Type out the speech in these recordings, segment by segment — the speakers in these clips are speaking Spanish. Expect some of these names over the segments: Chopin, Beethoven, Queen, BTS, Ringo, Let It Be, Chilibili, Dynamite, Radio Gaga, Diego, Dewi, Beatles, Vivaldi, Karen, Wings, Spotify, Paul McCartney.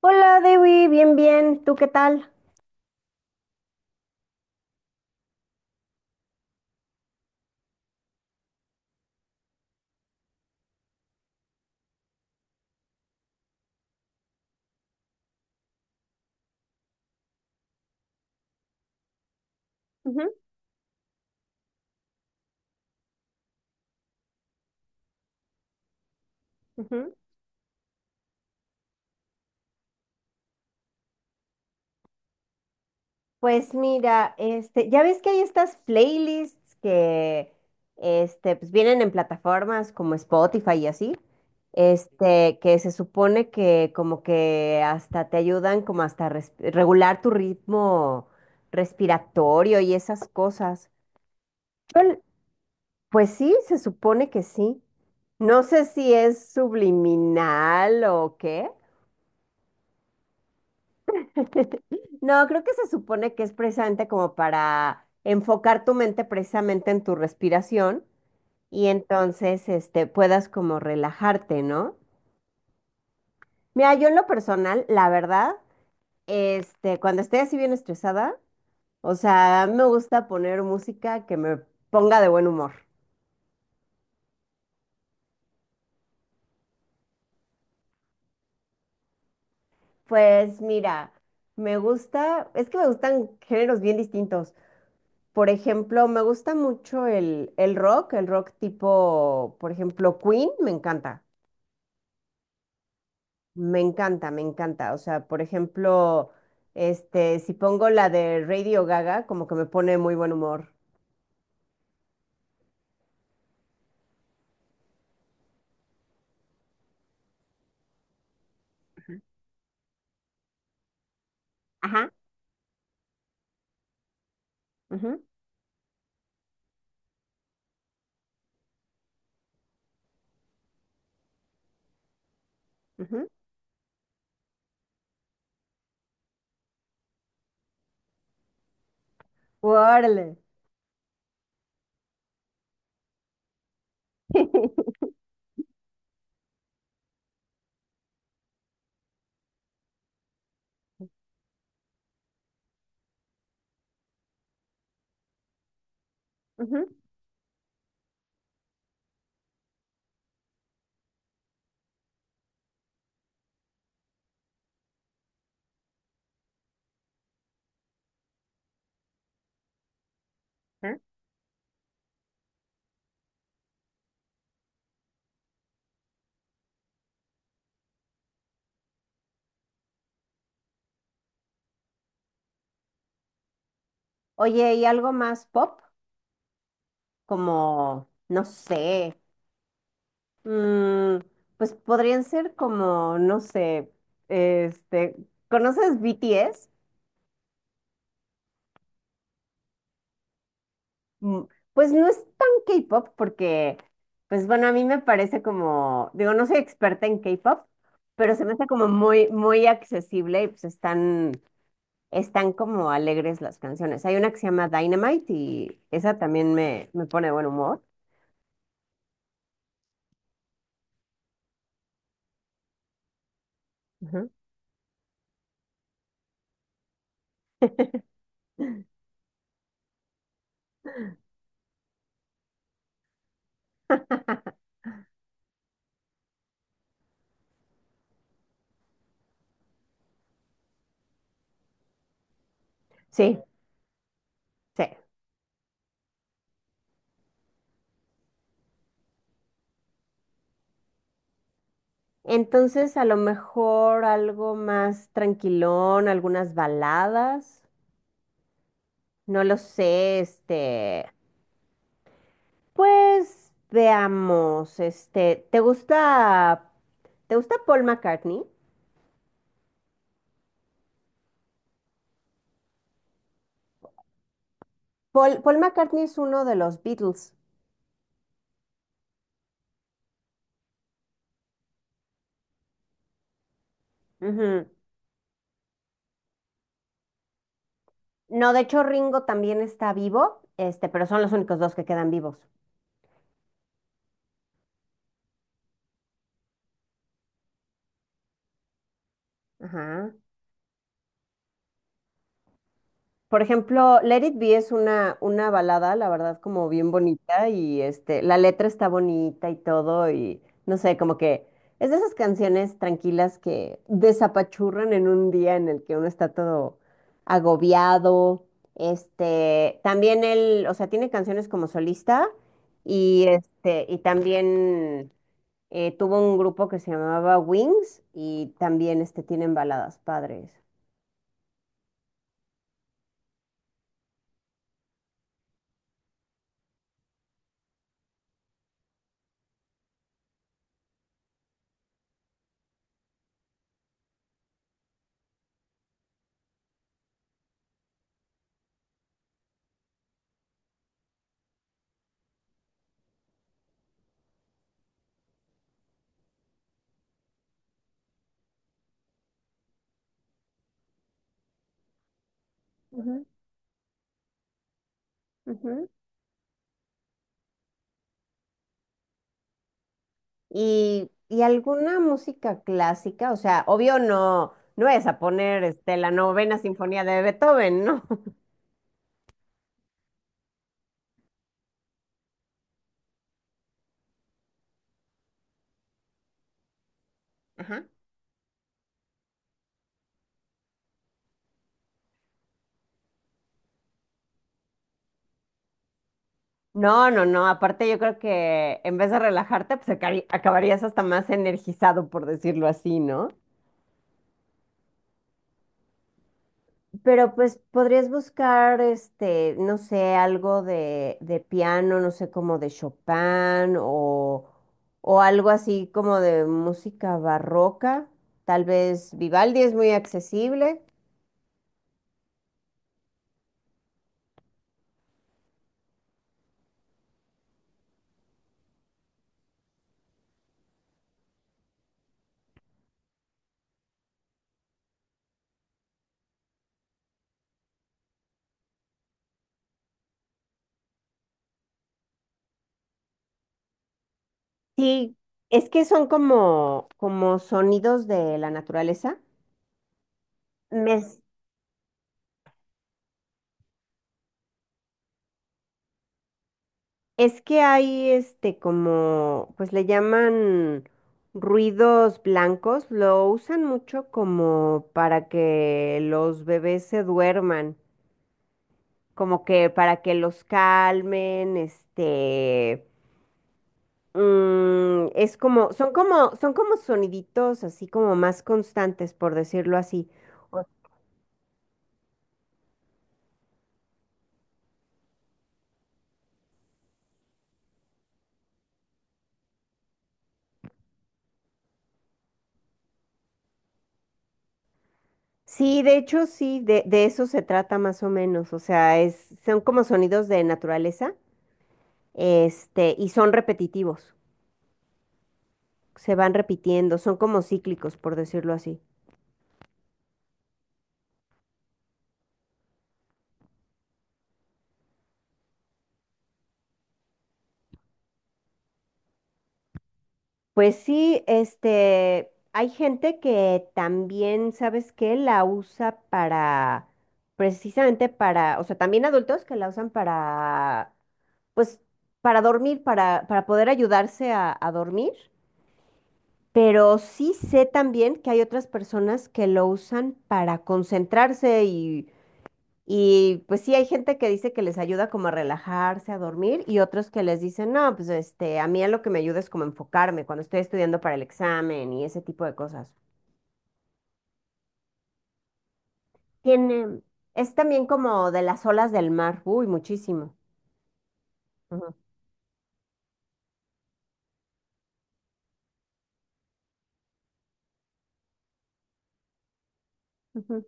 Hola Dewi, bien, bien, ¿tú qué tal? Ujú, ujú. Pues mira, ya ves que hay estas playlists que pues vienen en plataformas como Spotify y así, que se supone que como que hasta te ayudan como regular tu ritmo respiratorio y esas cosas. Yo- Pues sí, se supone que sí. No sé si es subliminal o qué. No, creo que se supone que es precisamente como para enfocar tu mente precisamente en tu respiración y entonces puedas como relajarte, ¿no? Mira, yo en lo personal, la verdad, cuando estoy así bien estresada, o sea, me gusta poner música que me ponga de buen humor. Pues mira, me gusta, es que me gustan géneros bien distintos. Por ejemplo, me gusta mucho el rock, el rock tipo, por ejemplo, Queen, me encanta, me encanta, me encanta. O sea, por ejemplo, si pongo la de Radio Gaga, como que me pone muy buen humor. Ajá, ujú, ujú, órale. Ujú, ajá. Oye, ¿y algo más pop? Como, no sé, mm, pues podrían ser como, no sé, este, ¿conoces BTS? Mm, Pues no es tan K-pop porque, pues bueno, a mí me parece como, digo, no soy experta en K-pop, pero se me hace como muy, muy accesible y pues están, están como alegres las canciones. Hay una que se llama Dynamite y esa también me pone de buen humor. Ujú. Sí, sí. Entonces, a lo mejor algo más tranquilón, algunas baladas, no lo sé, pues veamos, te gusta Paul McCartney? Paul, Paul McCartney es uno de los Beatles. Ujú. No, de hecho Ringo también está vivo, pero son los únicos dos que quedan vivos. Ajá. Por ejemplo, Let It Be es una balada, la verdad, como bien bonita y la letra está bonita y todo y no sé, como que es de esas canciones tranquilas que desapachurran en un día en el que uno está todo agobiado. También él, o sea, tiene canciones como solista y y también tuvo un grupo que se llamaba Wings y también tienen baladas padres. Ujú, ujú. Y alguna música clásica, o sea, obvio no, no vayas a poner la novena sinfonía de Beethoven, ¿no? Ajá. No, no, no. Aparte, yo creo que en vez de relajarte, pues acabarías hasta más energizado, por decirlo así, ¿no? Pero pues podrías buscar, no sé, algo de piano, no sé, como de Chopin o algo así como de música barroca. Tal vez Vivaldi es muy accesible. Sí, es que son como, como sonidos de la naturaleza. Me s- es que hay como, pues le llaman ruidos blancos, lo usan mucho como para que los bebés se duerman, como que para que los calmen, es como, son como, son como soniditos así como más constantes, por decirlo así. Sí, de hecho, sí, de eso se trata más o menos. O sea, es, son como sonidos de naturaleza, y son repetitivos, se van repitiendo, son como cíclicos, por decirlo así. Pues sí, hay gente que también, ¿sabes qué? La usa para, precisamente para, o sea, también adultos que la usan para, pues, para dormir, para poder ayudarse a dormir. Pero sí sé también que hay otras personas que lo usan para concentrarse y pues sí hay gente que dice que les ayuda como a relajarse, a dormir y otros que les dicen, no, pues a mí a lo que me ayuda es como enfocarme cuando estoy estudiando para el examen y ese tipo de cosas. Tiene, es también como de las olas del mar, uy, muchísimo. Ujú. Ujú.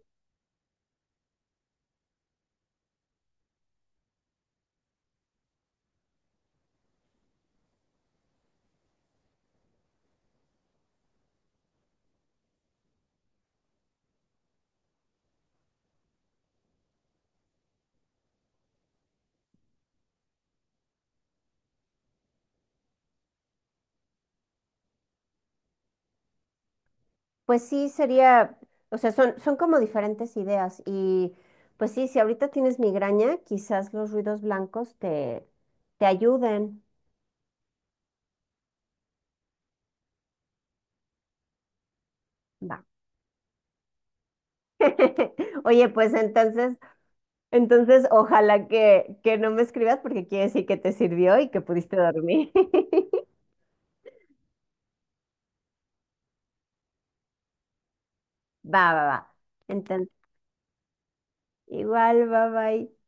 Pues sí, sería, o sea, son, son como diferentes ideas y pues sí, si ahorita tienes migraña, quizás los ruidos blancos te, te ayuden. Va. Oye, pues entonces, entonces ojalá que no me escribas porque quiere decir que te sirvió y que pudiste dormir. Va, va, va. Entonces, igual, bye bye.